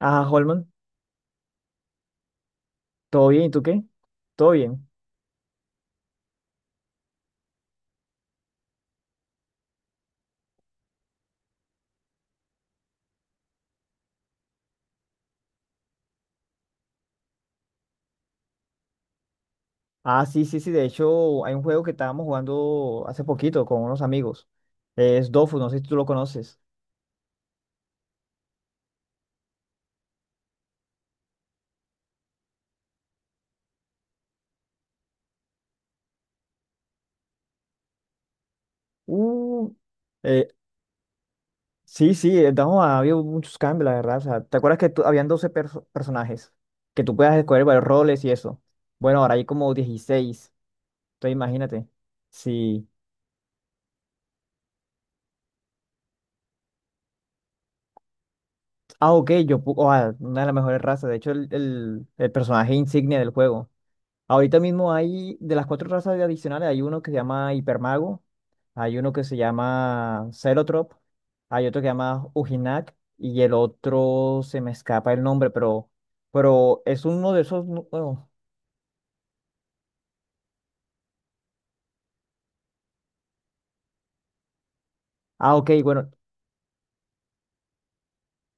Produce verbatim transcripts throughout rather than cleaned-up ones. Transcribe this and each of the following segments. Ah, Holman, ¿todo bien? ¿Y tú qué? ¿Todo bien? Ah, sí, sí, sí. De hecho, hay un juego que estábamos jugando hace poquito con unos amigos. Es Dofus, no sé si tú lo conoces. Uh, eh, sí, sí, eh, no, ha habido muchos cambios, la verdad. O sea, ¿te acuerdas que tú- habían doce perso- personajes? Que tú puedas escoger varios roles y eso. Bueno, ahora hay como dieciséis. Entonces, imagínate. Sí. Ah, ok, yo. Pu- oh, ah, una de las mejores razas. De hecho, el, el el personaje insignia del juego. Ahorita mismo hay, de las cuatro razas adicionales, hay uno que se llama Hipermago, hay uno que se llama Celotrop, hay otro que se llama Ujinak y el otro se me escapa el nombre, pero, pero es uno de esos, nu- bueno, ah, ok, bueno,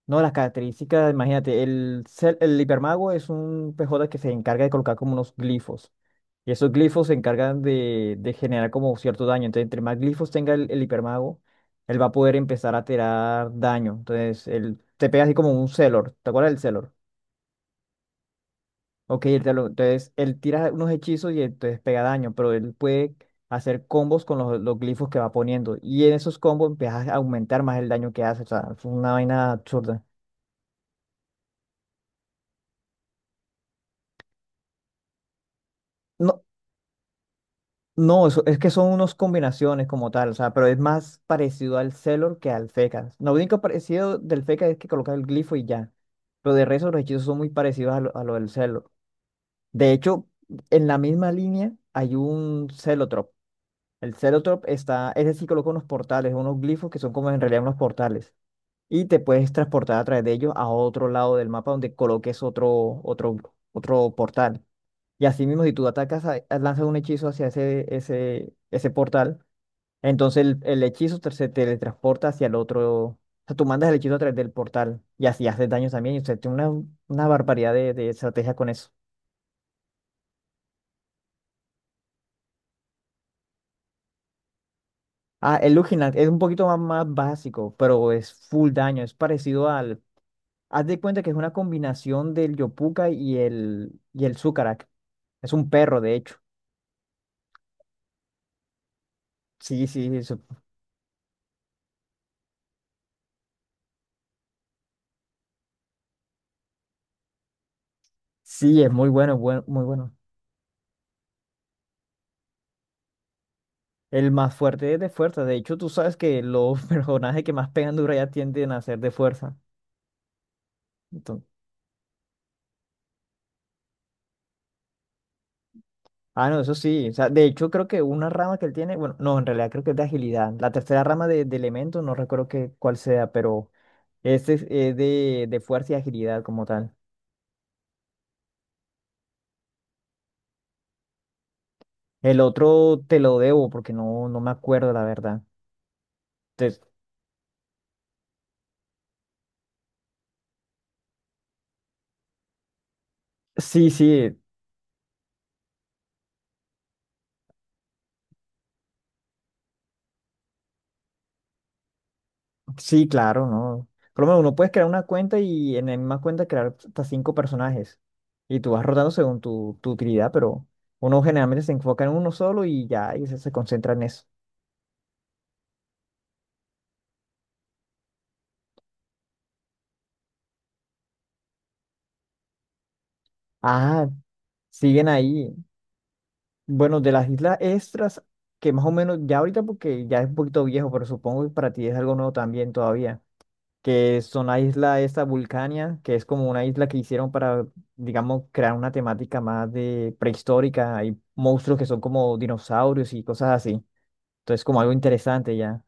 no, las características, imagínate, el, cel- el hipermago es un P J que se encarga de colocar como unos glifos. Y esos glifos se encargan de, de generar como cierto daño. Entonces, entre más glifos tenga el, el hipermago, él va a poder empezar a tirar daño. Entonces, él te pega así como un Celor. ¿Te acuerdas del Celor? Ok, el Celor. Entonces, él tira unos hechizos y entonces pega daño, pero él puede hacer combos con los, los glifos que va poniendo. Y en esos combos empieza a aumentar más el daño que hace. O sea, es una vaina absurda. No, no, eso- es que son unas combinaciones como tal, o sea, pero es más parecido al Celor que al Feca. Lo único parecido del Feca es que colocas el glifo y ya. Pero de resto los hechizos son muy parecidos a lo, a lo del Celor. De hecho, en la misma línea hay un Celotrop. El Celotrop está, ese sí coloca unos portales, unos glifos que son como en realidad unos portales. Y te puedes transportar a través de ellos a otro lado del mapa donde coloques otro, otro, otro portal. Y así mismo, si tú atacas, a- a- lanzas un hechizo hacia ese, ese, ese portal, entonces el, el hechizo te- se teletransporta hacia el otro. O sea, tú mandas el hechizo a través del portal y así haces daño también. Y usted tiene una, una barbaridad de, de estrategia con eso. Ah, el Luginat es un poquito más, más básico, pero es full daño. Es parecido al. Haz de cuenta que es una combinación del Yopuka y el, y el Sucarak. Es un perro, de hecho. Sí, sí, eso- sí, es muy bueno, buen- muy bueno. El más fuerte es de fuerza. De hecho, tú sabes que los personajes que más pegan duro ya tienden a ser de fuerza. Entonces- ah, no, eso sí. O sea, de hecho, creo que una rama que él tiene, bueno, no, en realidad creo que es de agilidad. La tercera rama de, de elementos, no recuerdo qué, cuál sea, pero este es, es de, de fuerza y agilidad como tal. El otro te lo debo porque no, no me acuerdo, la verdad. Entonces, sí, sí, sí, claro, ¿no? Por lo menos uno puedes crear una cuenta y en la misma cuenta crear hasta cinco personajes. Y tú vas rotando según tu, tu utilidad, pero uno generalmente se enfoca en uno solo y ya, y se, se concentra en eso. Ah, siguen ahí. Bueno, de las islas extras, que más o menos ya ahorita porque ya es un poquito viejo, pero supongo que para ti es algo nuevo también todavía, que son la isla esta Vulcania, que es como una isla que hicieron para, digamos, crear una temática más de prehistórica. Hay monstruos que son como dinosaurios y cosas así. Entonces, como algo interesante ya.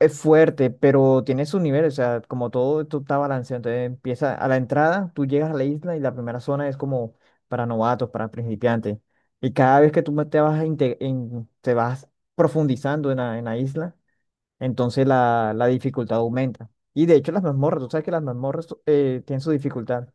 Es fuerte, pero tiene sus niveles, o sea, como todo esto está balanceado. Entonces empieza a la entrada, tú llegas a la isla y la primera zona es como para novatos, para principiantes. Y cada vez que tú te vas, a inte- en- te vas profundizando en la en la isla. Entonces la, la dificultad aumenta. Y de hecho las mazmorras, tú sabes que las mazmorras eh, tienen su dificultad.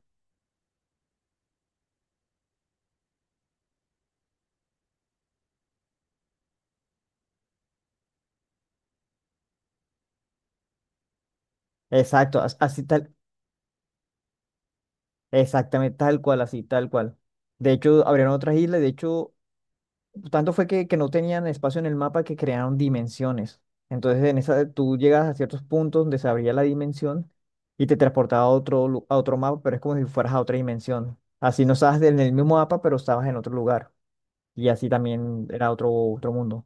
Exacto, as- así tal, exactamente tal cual, así tal cual. De hecho, abrieron otras islas, de hecho, tanto fue que, que no tenían espacio en el mapa que crearon dimensiones. Entonces en esa tú llegas a ciertos puntos donde se abría la dimensión y te transportaba a otro, lu- a otro mapa, pero es como si fueras a otra dimensión. Así no estabas en el mismo mapa, pero estabas en otro lugar. Y así también era otro, otro mundo.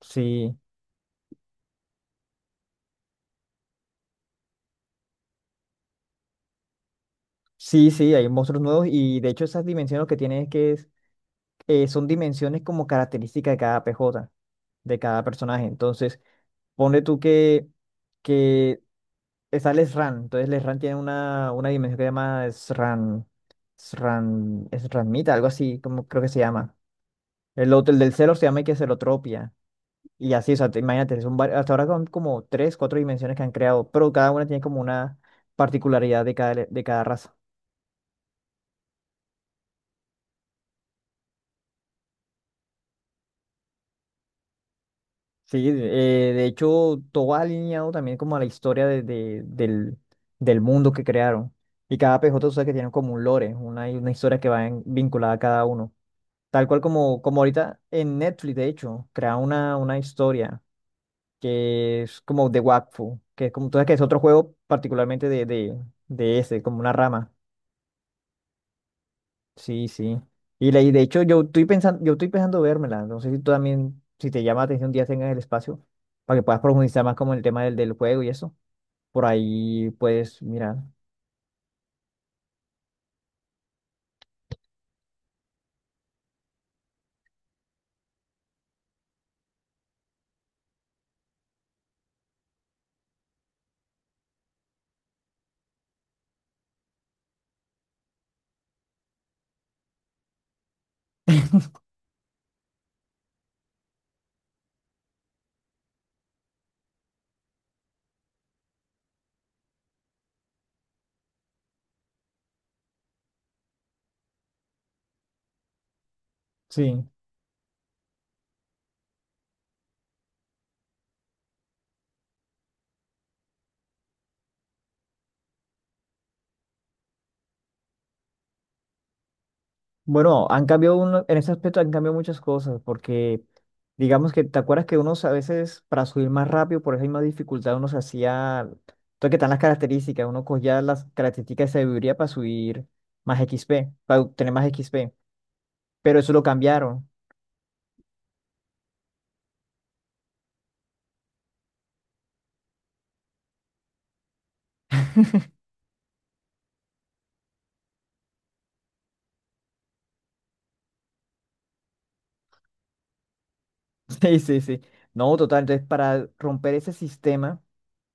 Sí. Sí, sí, hay monstruos nuevos y de hecho esas dimensiones que tienen es que es, eh, son dimensiones como característica de cada P J, de cada personaje. Entonces, ponle tú que, que está Lesran, entonces Lesran tiene una, una dimensión que se llama Sran, Sran, Sranmita, algo así, como creo que se llama. El otro, el del celo se llama que celotropia. Y así, o sea, te- imagínate, son vari- hasta ahora son como tres, cuatro dimensiones que han creado, pero cada una tiene como una particularidad de cada, de cada raza. Sí, de eh, de hecho, todo va alineado también como a la historia de- de- del, del mundo que crearon. Y cada P J, tú sabes que tiene como un lore, una, una historia que va en- vinculada a cada uno. Tal cual como, como ahorita en Netflix, de hecho, crea una, una historia que es como de Wakfu, que es como, tú sabes que es otro juego particularmente de, de, de ese, como una rama. Sí, sí. Y la- y de hecho, yo estoy pensando, yo estoy pensando vérmela. No sé si tú también, si te llama la atención, un día tengas el espacio para que puedas profundizar más como en el tema del, del juego y eso. Por ahí, puedes mirar. Sí. Bueno, han cambiado uno, en ese aspecto han cambiado muchas cosas, porque digamos que te acuerdas que unos a veces para subir más rápido por esa misma dificultad uno se hacía, entonces que están las características, uno cogía las características de sabiduría para subir más X P, para obtener más X P, pero eso lo cambiaron. Sí, sí, sí. No, total. Entonces, para romper ese sistema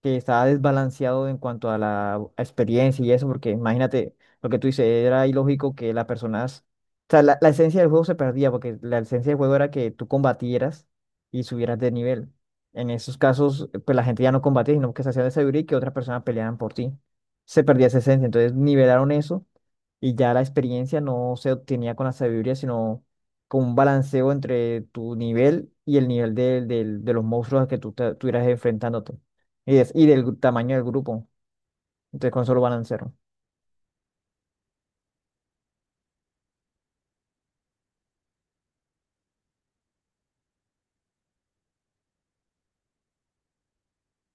que estaba desbalanceado en cuanto a la experiencia y eso, porque imagínate lo que tú dices, era ilógico que las personas, o sea, la, la esencia del juego se perdía, porque la esencia del juego era que tú combatieras y subieras de nivel. En esos casos, pues la gente ya no combatía, sino que se hacía de sabiduría y que otras personas peleaban por ti. Se perdía esa esencia. Entonces, nivelaron eso y ya la experiencia no se obtenía con la sabiduría, sino como un balanceo entre tu nivel y el nivel del- del- de, los monstruos a que tú te- estuvieras enfrentándote y, es- y del gru- tamaño del grupo. Entonces con solo balancearon.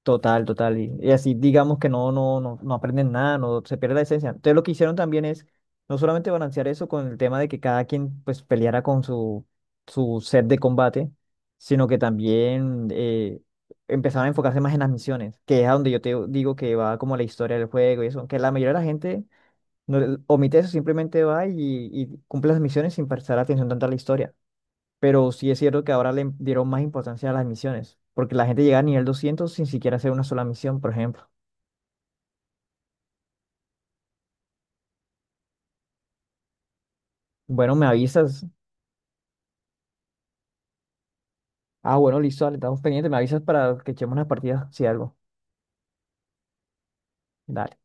Total, total. Y, y así digamos que no, no, no, no aprenden nada, no se pierde la esencia. Entonces lo que hicieron también es no solamente balancear eso con el tema de que cada quien pues peleara con su, su set de combate, sino que también eh, empezaron a enfocarse más en las misiones, que es a donde yo te digo que va como la historia del juego y eso, que la mayoría de la gente No, le- omite eso, simplemente va y, y cumple las misiones sin prestar atención tanto a la historia. Pero sí es cierto que ahora le dieron más importancia a las misiones, porque la gente llega a nivel doscientos sin siquiera hacer una sola misión, por ejemplo. Bueno, me avisas. Ah, bueno, listo, dale, estamos pendientes, me avisas para que echemos unas partidas, si algo. Dale.